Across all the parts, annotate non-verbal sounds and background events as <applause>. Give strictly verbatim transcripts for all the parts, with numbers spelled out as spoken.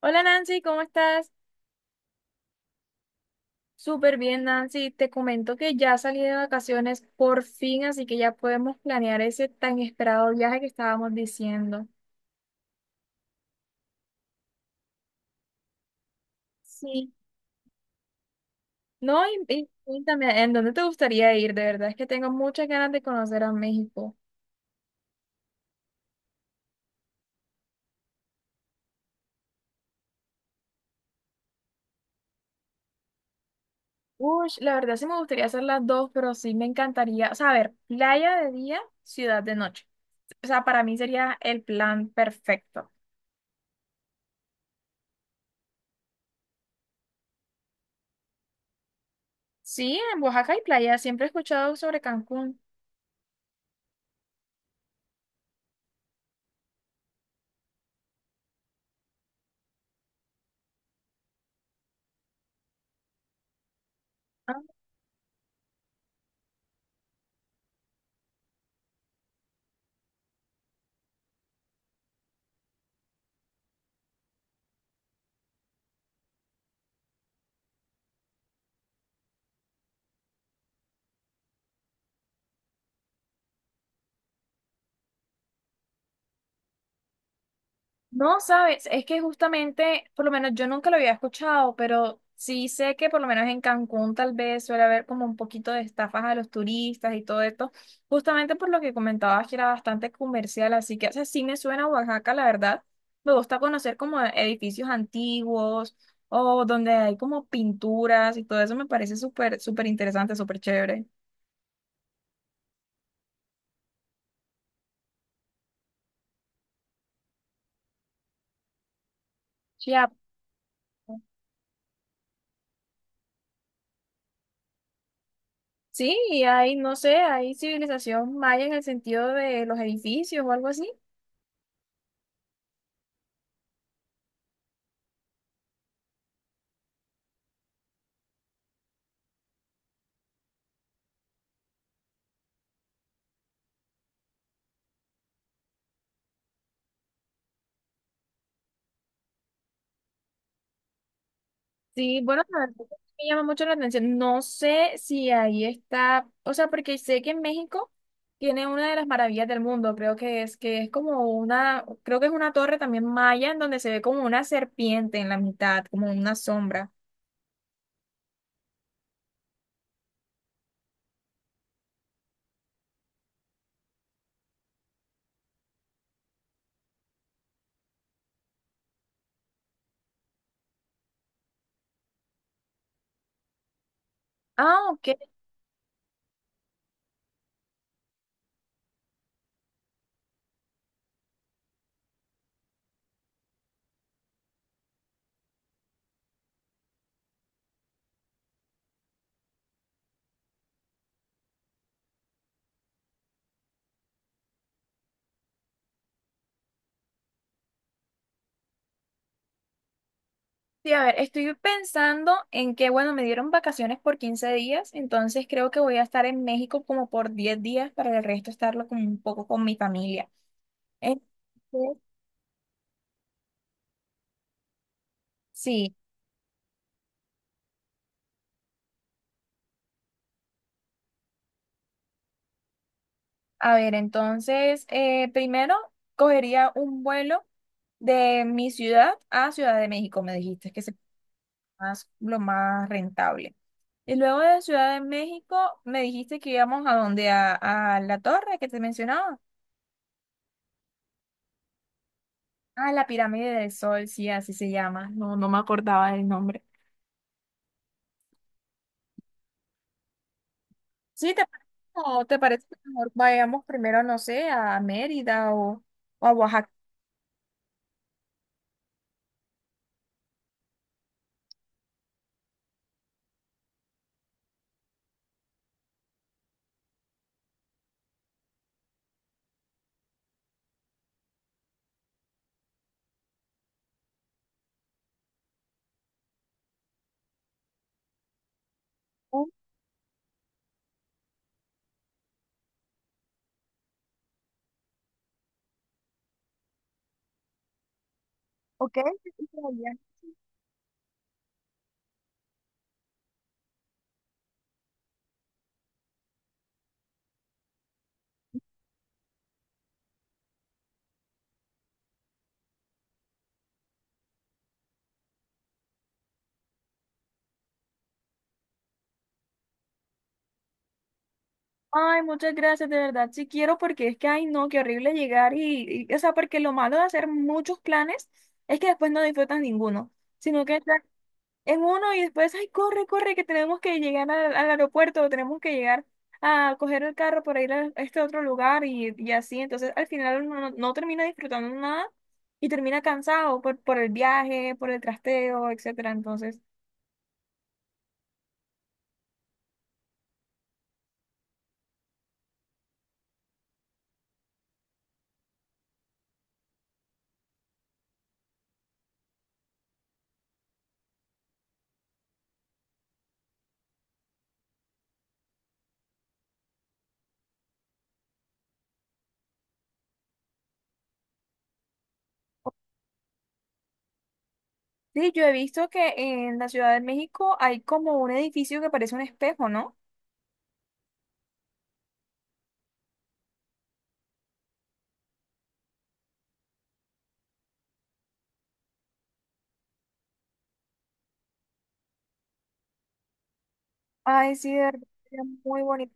Hola Nancy, ¿cómo estás? Súper bien, Nancy. Te comento que ya salí de vacaciones por fin, así que ya podemos planear ese tan esperado viaje que estábamos diciendo. Sí. No, y, y cuéntame, ¿en dónde te gustaría ir? De verdad es que tengo muchas ganas de conocer a México. Uy, la verdad sí me gustaría hacer las dos, pero sí me encantaría, o sea, a ver, playa de día, ciudad de noche. O sea, para mí sería el plan perfecto. Sí, en Oaxaca hay playa, siempre he escuchado sobre Cancún. No, sabes, es que justamente, por lo menos yo nunca lo había escuchado, pero sí sé que por lo menos en Cancún tal vez suele haber como un poquito de estafas a los turistas y todo esto, justamente por lo que comentabas que era bastante comercial, así que, o sea, sí me suena a Oaxaca, la verdad. Me gusta conocer como edificios antiguos o donde hay como pinturas y todo eso me parece súper, súper interesante, súper chévere. Ya. Sí, y hay, no sé, hay civilización maya en el sentido de los edificios o algo así. Sí, bueno, la verdad que me llama mucho la atención. No sé si ahí está, o sea, porque sé que en México tiene una de las maravillas del mundo, creo que es que es como una, creo que es una torre también maya en donde se ve como una serpiente en la mitad, como una sombra. Ah, ok. Sí, a ver, estoy pensando en que, bueno, me dieron vacaciones por quince días, entonces creo que voy a estar en México como por diez días para el resto estarlo como un poco con mi familia. Entonces, sí. A ver, entonces, eh, primero cogería un vuelo de mi ciudad a Ciudad de México, me dijiste que es el más, lo más rentable. Y luego de Ciudad de México, me dijiste que íbamos a donde, a, a la torre que te mencionaba. Ah, la Pirámide del Sol, sí, así se llama. No, no me acordaba del nombre. Sí, ¿te parece, o te parece que mejor vayamos primero, no sé, a Mérida o, o a Oaxaca? Ok. Ay, muchas gracias, de verdad, sí quiero porque es que, ay, no, qué horrible llegar y, y, o sea, porque lo malo de hacer muchos planes es que después no disfrutas ninguno, sino que estás en uno y después, ay, corre, corre, que tenemos que llegar al, al aeropuerto o tenemos que llegar a coger el carro para ir a este otro lugar y, y así, entonces al final uno no, no termina disfrutando nada y termina cansado por, por el viaje, por el trasteo, etcétera, entonces, sí, yo he visto que en la Ciudad de México hay como un edificio que parece un espejo, ¿no? Ay, sí, de verdad, sería muy bonito.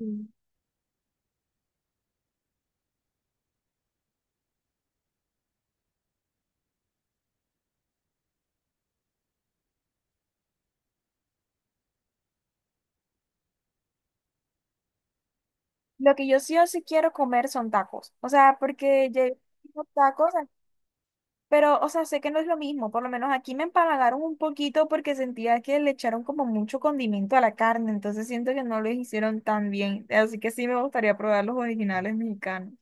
Mm. Lo que yo sí o sí quiero comer son tacos. O sea, porque llevo tacos, ah, pero, o sea, sé que no es lo mismo. Por lo menos aquí me empalagaron un poquito porque sentía que le echaron como mucho condimento a la carne. Entonces siento que no lo hicieron tan bien. Así que sí me gustaría probar los originales mexicanos.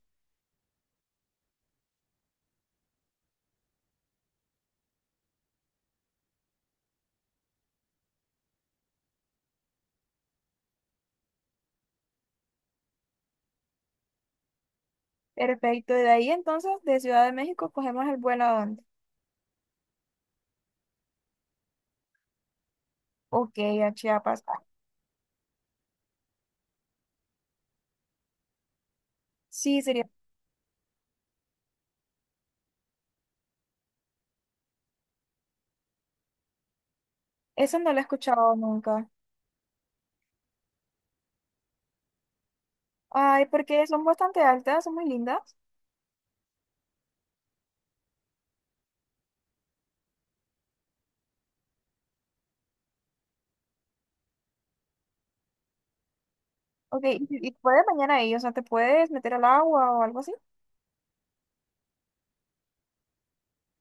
Perfecto. De ahí entonces, de Ciudad de México, ¿cogemos el vuelo a dónde? Ok, a Chiapas. Ah, sí, sería. Eso no lo he escuchado nunca. Ay, porque son bastante altas, son muy lindas. Ok, ¿y y puedes mañana ahí? O sea, ¿te puedes meter al agua o algo así?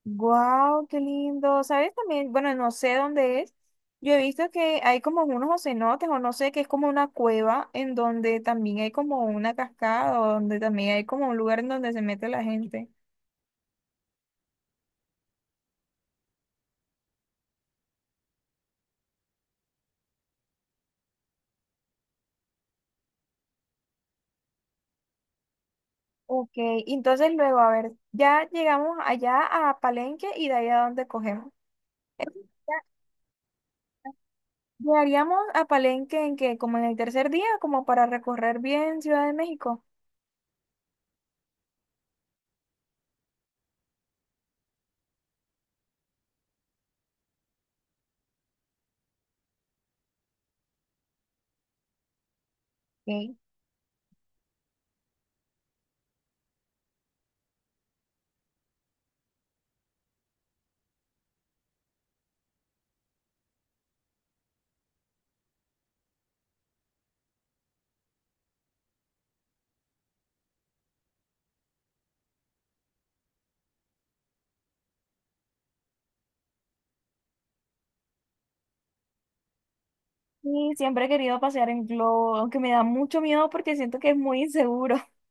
Wow, qué lindo. ¿Sabes también? Bueno, no sé dónde es. Yo he visto que hay como unos cenotes o no sé, que es como una cueva en donde también hay como una cascada o donde también hay como un lugar en donde se mete la gente. Ok, entonces luego, a ver, ya llegamos allá a Palenque y de ahí a dónde cogemos. Ya llegaríamos a Palenque en que como en el tercer día, como para recorrer bien Ciudad de México. Ok. Sí, siempre he querido pasear en globo, aunque me da mucho miedo porque siento que es muy inseguro. <laughs>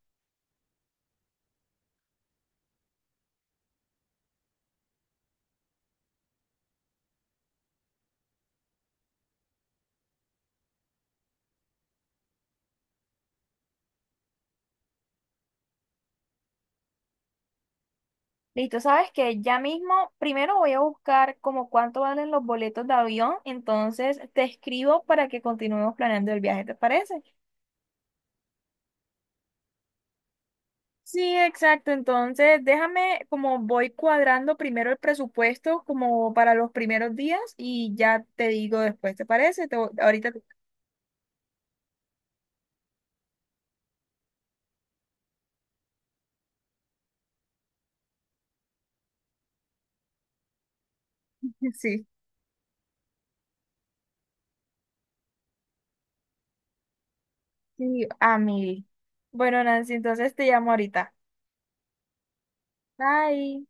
Listo, sabes que ya mismo, primero voy a buscar como cuánto valen los boletos de avión, entonces te escribo para que continuemos planeando el viaje, ¿te parece? Sí, exacto. Entonces, déjame como voy cuadrando primero el presupuesto como para los primeros días y ya te digo después, ¿te parece? Te- ahorita te- <laughs> Sí, sí, a mí. Bueno, Nancy, entonces te llamo ahorita. Bye.